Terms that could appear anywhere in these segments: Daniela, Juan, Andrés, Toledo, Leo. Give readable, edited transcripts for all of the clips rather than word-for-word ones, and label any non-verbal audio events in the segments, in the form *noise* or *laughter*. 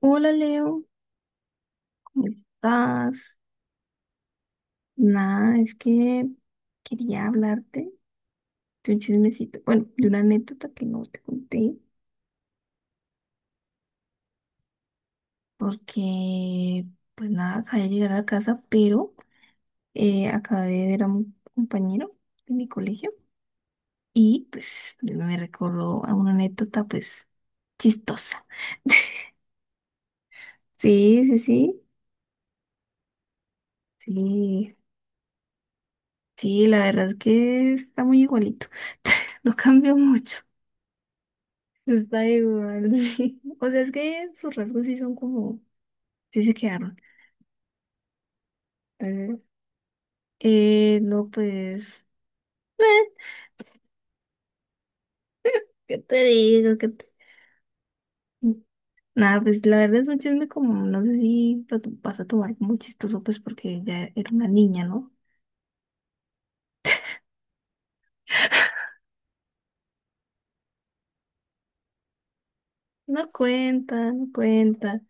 Hola Leo, ¿cómo estás? Nada, es que quería hablarte de un chismecito, bueno, de una anécdota que no te conté, porque pues nada, acabé de llegar a la casa, pero acabé de ver a un compañero de mi colegio y pues me recordó a una anécdota pues chistosa. *laughs* Sí, sí, sí, sí, sí, la verdad es que está muy igualito. *laughs* No cambió mucho. Está igual. *laughs* Sí. O sea, es que sus rasgos sí son como, sí se quedaron. Entonces, no, pues, eh, ¿qué te digo? Nada, pues la verdad es un chisme como, no sé si vas a tomar como chistoso, pues porque ya era una niña, ¿no? No cuenta, no cuenta.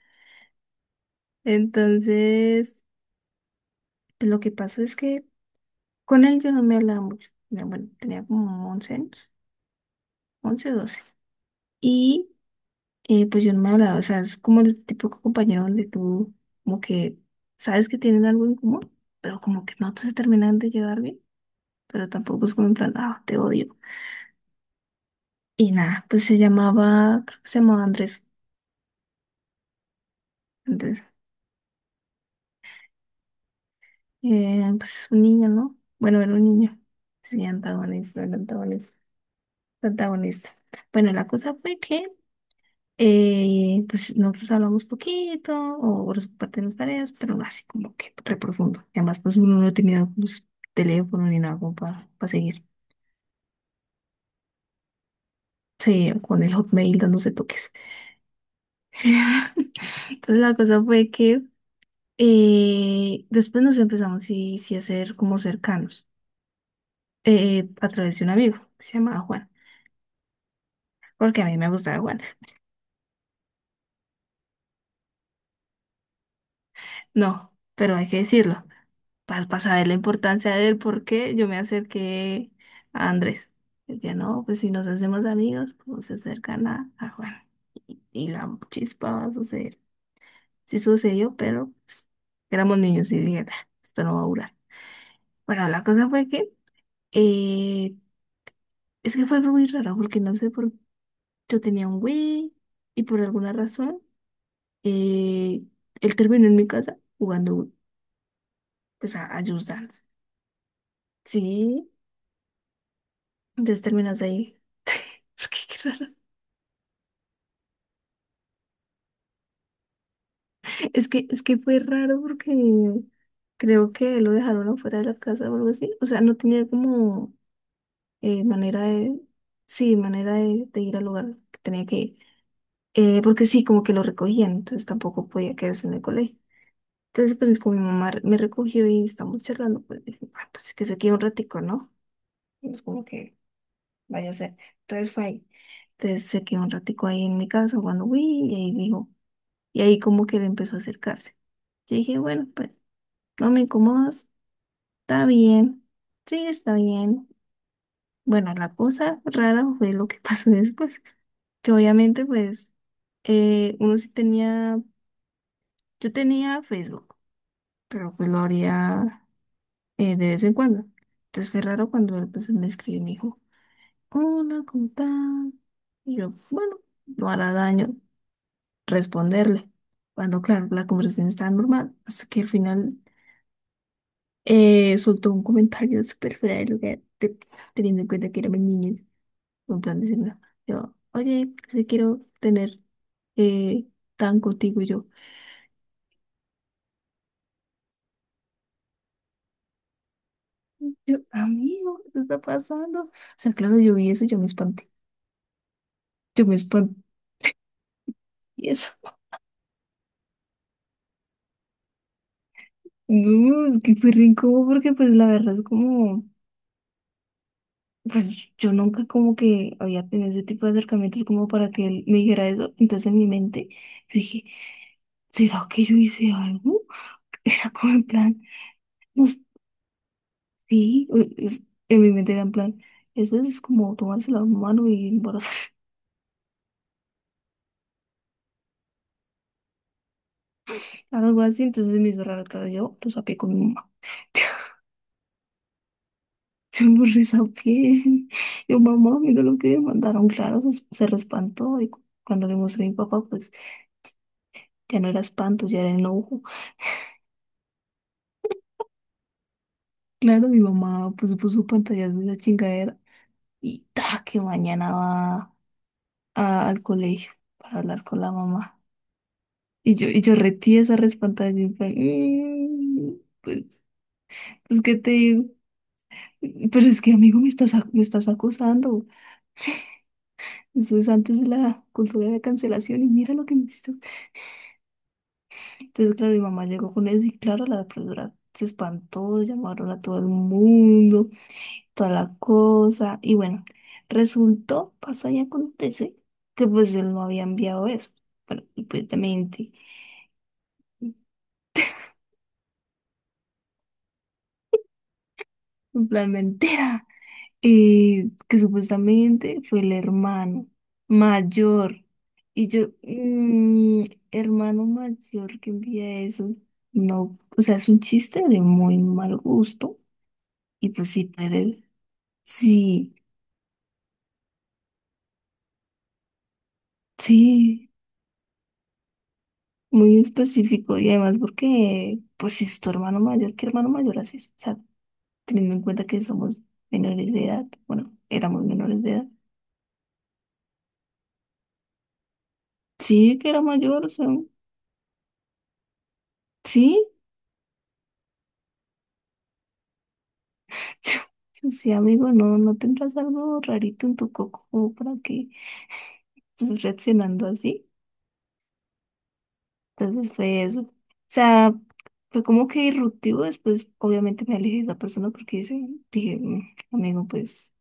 Entonces, pues, lo que pasó es que con él yo no me hablaba mucho. Ya, bueno, tenía como 11 años, 11, 12. Y pues yo no me hablaba, o sea, es como el tipo de compañero donde tú como que sabes que tienen algo en común, pero como que no se terminan de llevar bien, pero tampoco es como en plan, ah, te odio. Y nada, pues se llamaba, creo que se llamaba Andrés. Andrés, pues es un niño, ¿no? Bueno, era un niño. Sí, antagonista, era antagonista, antagonista. Bueno, la cosa fue que pues nosotros hablamos poquito, o por su parte las tareas, pero no así como que re profundo. Y además, pues uno no tenía pues, teléfono ni nada como para seguir. Sí, con el Hotmail dándose toques. *laughs* Entonces la cosa fue que después nos empezamos sí, sí a ser como cercanos a través de un amigo que se llamaba Juan, porque a mí me gustaba Juan. No, pero hay que decirlo. Para saber la importancia de él, porque yo me acerqué a Andrés. Ya no, pues si nos hacemos amigos, pues se acercan a Juan. Y la chispa va a suceder. Sí sucedió, pero pues, éramos niños y dije, "Ah, esto no va a durar". Bueno, la cosa fue que, eh, es que fue muy raro, porque no sé por yo tenía un Wii y por alguna razón, eh, él terminó en mi casa jugando Wii, pues, a Just Dance. Sí. Entonces terminas ahí. *laughs* Porque qué raro. Es que fue raro porque creo que lo dejaron afuera de la casa o algo así. O sea, no tenía como manera de, sí, manera de ir al lugar que tenía que ir. Porque sí, como que lo recogían, entonces tampoco podía quedarse en el colegio. Entonces, pues con mi mamá me recogió y estamos charlando, pues dije, "Ah, pues que se quede un ratico, ¿no?". Es como que vaya a ser. Entonces fue ahí. Entonces se quedó un ratico ahí en mi casa jugando Wii y ahí dijo. Y ahí como que él empezó a acercarse. Yo dije, bueno, pues no me incomodas, está bien, sí, está bien. Bueno, la cosa rara fue lo que *laughs* pasó después, que obviamente pues uno sí tenía, yo tenía Facebook, pero pues lo haría de vez en cuando. Entonces fue raro cuando él pues me escribió y me dijo, hola, ¿cómo estás? Y yo, bueno, no hará daño responderle. Cuando claro, la conversación estaba normal, hasta que al final soltó un comentario súper fuera de lugar, teniendo en cuenta que éramos niños, en plan diciendo, yo, oye, si quiero tener eh, tan contigo, y yo, amigo, ¿qué está pasando? O sea, claro, yo vi eso, yo me espanté, y eso. No, es que fue re incómodo porque pues la verdad es como, pues yo nunca como que había tenido ese tipo de acercamientos como para que él me dijera eso, entonces en mi mente yo dije, ¿será que yo hice algo? *laughs* Era como en plan... No, sí, en mi mente era en plan, eso es como tomarse la mano y embarazarse, *laughs* algo así, entonces me hizo raro, claro, yo lo saqué con mi mamá, *laughs* yo lo resapié, *laughs* yo mamá, mira lo que me mandaron, claro, se re espantó y cuando le mostré a mi papá, pues ya no era espanto, ya era enojo, claro, mi mamá pues puso pantallas de esa chingadera y ta, que mañana va al colegio para hablar con la mamá. Y yo retí esa respantada y yo en plan, "Mm, pues es que te digo, pero es que amigo, me estás, me estás acosando. Eso es antes de la cultura de cancelación y mira lo que me hiciste". Entonces, claro, mi mamá llegó con eso y claro, la profesora se espantó, llamaron a todo el mundo, toda la cosa. Y bueno, resultó, pasa y acontece que pues él no había enviado eso. Bueno, y pues también, en plan mentira. Que supuestamente fue el hermano mayor. Y yo, mm, hermano mayor que envía eso, no, o sea, es un chiste de muy mal gusto. Y pues sí, sí, sí, muy específico. Y además porque, pues si es tu hermano mayor, ¿qué hermano mayor haces? O sea, teniendo en cuenta que somos menores de edad, bueno, éramos menores de edad. Sí, que era mayor, o sea, sí. Sí, amigo, no, no tendrás algo rarito en tu coco como para que estés reaccionando así. Entonces fue eso. O sea, fue como que disruptivo. Después, obviamente, me alejé de esa persona porque dice, dije, "Mm, amigo, pues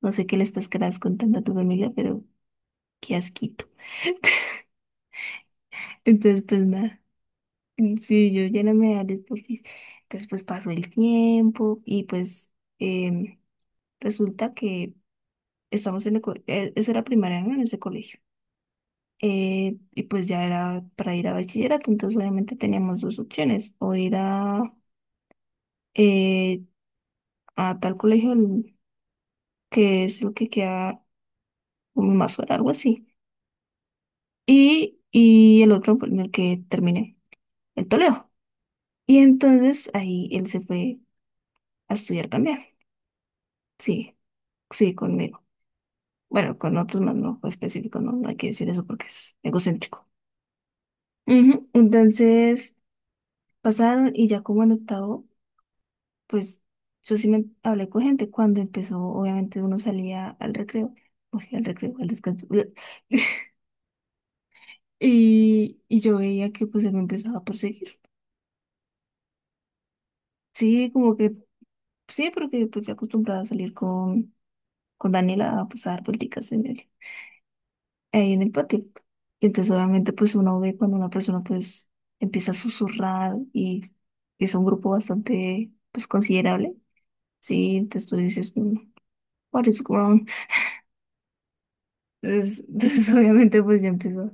no sé qué le estás querás contando a tu familia, pero qué asquito". Entonces, pues nada. Mm, sí, yo ya no me hables porque entonces, pues pasó el tiempo y pues em, resulta que estamos eso era primaria, ¿no? En ese colegio. Y pues ya era para ir a bachillerato, entonces obviamente teníamos dos opciones, o ir eh, a tal colegio que es lo que queda un más hora, algo así, y el otro en el que terminé, el Toledo. Y entonces ahí él se fue a estudiar también, sí, sí, conmigo. Bueno, con otros más no específico, no, no hay que decir eso porque es egocéntrico. Ujú, entonces pasaron y ya como en octavo pues yo sí me hablé con gente cuando empezó, obviamente uno salía al recreo, o sea, al recreo, al descanso. *laughs* Y, y yo veía que pues él me empezaba a perseguir. Sí, como que, sí, porque pues ya acostumbrada a salir con Daniela a, pues, a dar vuelticas en el, ahí en el patio. Y entonces obviamente pues uno ve cuando una persona pues empieza a susurrar y es un grupo bastante pues considerable. Sí, entonces tú dices, "Mm, what is wrong?". Entonces, *laughs* entonces, obviamente pues yo empiezo.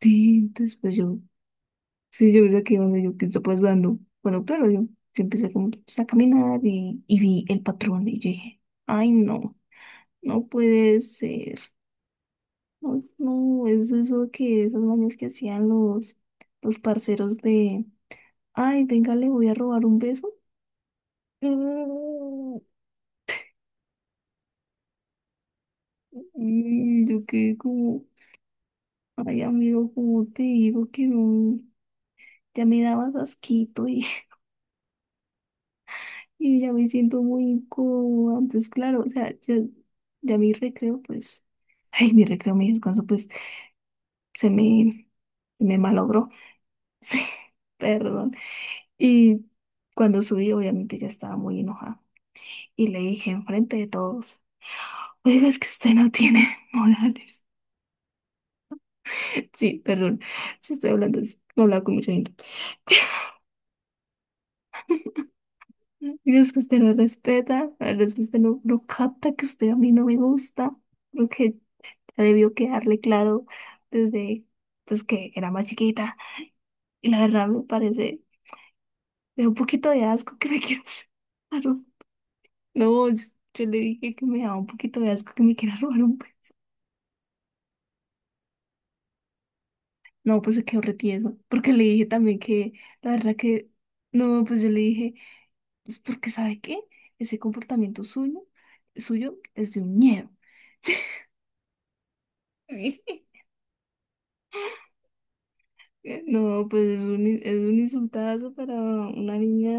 Sí, entonces pues yo, sí, yo desde aquí donde yo pienso pues dando, bueno, claro, yo empecé como, pues, a caminar y vi el patrón y yo dije, ay no, no puede ser, no, no, es eso que esas mañas que hacían los parceros de, ay, venga, le voy a robar un beso. *laughs* Y yo quedé como, ay amigo, ¿cómo te digo que no, ya me dabas asquito y ya me siento muy incómoda? Entonces, claro, o sea, ya, ya mi recreo, pues, *laughs* ay, mi recreo, mi descanso, pues, se me, me malogró. *laughs* Sí, perdón. Y cuando subí, obviamente ya estaba muy enojada. Y le dije enfrente de todos, oiga, es que usted no tiene *laughs* morales. Sí, perdón, si estoy hablando, he hablado con mucha gente. *laughs* Y es que usted no respeta, la verdad es que usted no, no capta que usted a mí no me gusta. Debió quedarle claro desde pues que era más chiquita. Y la verdad me parece, me da un poquito de asco que me quieras *laughs* robar. No, yo le dije que me daba un poquito de asco que me quiera robar un beso. No, pues se quedó retieso. Porque le dije también que, la verdad que, no, pues yo le dije, pues porque ¿sabe qué? Ese comportamiento suyo, suyo es de un ñero. *laughs* No, pues es un insultazo para una niña.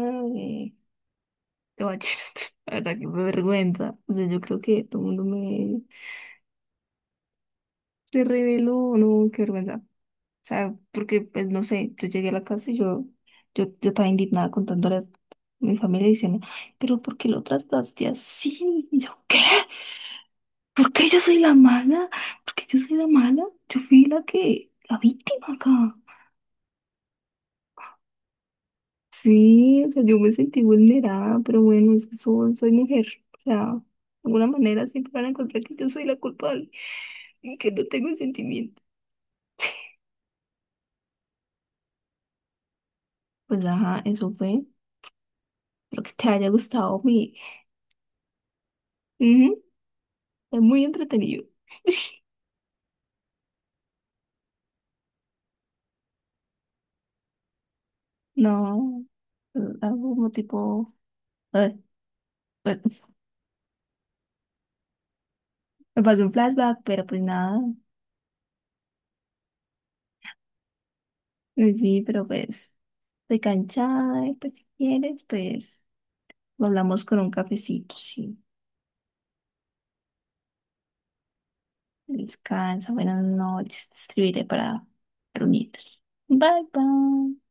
Te voy a decir, *laughs* la verdad que me vergüenza. O sea, yo creo que todo el mundo me se reveló, no, qué vergüenza. O sea, porque pues no sé, yo llegué a la casa y yo estaba indignada contándole a mi familia diciendo, pero ¿por qué lo trataste así? Y yo, ¿qué? ¿Por qué yo soy la mala? ¿Por qué yo soy la mala? Yo fui la que, la víctima acá. Sí, o sea, yo me sentí vulnerada, pero bueno, es que soy, soy mujer. O sea, de alguna manera siempre van a encontrar que yo soy la culpable. Que no tengo sentimiento. Pues ajá, eso fue. Espero que te haya gustado mi. Ujú, es muy entretenido. No, algún tipo. eh, bueno, me pasó un flashback, pero pues nada. Sí, pero pues estoy canchada, y pues si quieres, pues lo hablamos con un cafecito, sí. Descansa, buenas noches, te escribiré para reunirnos. Bye, bye.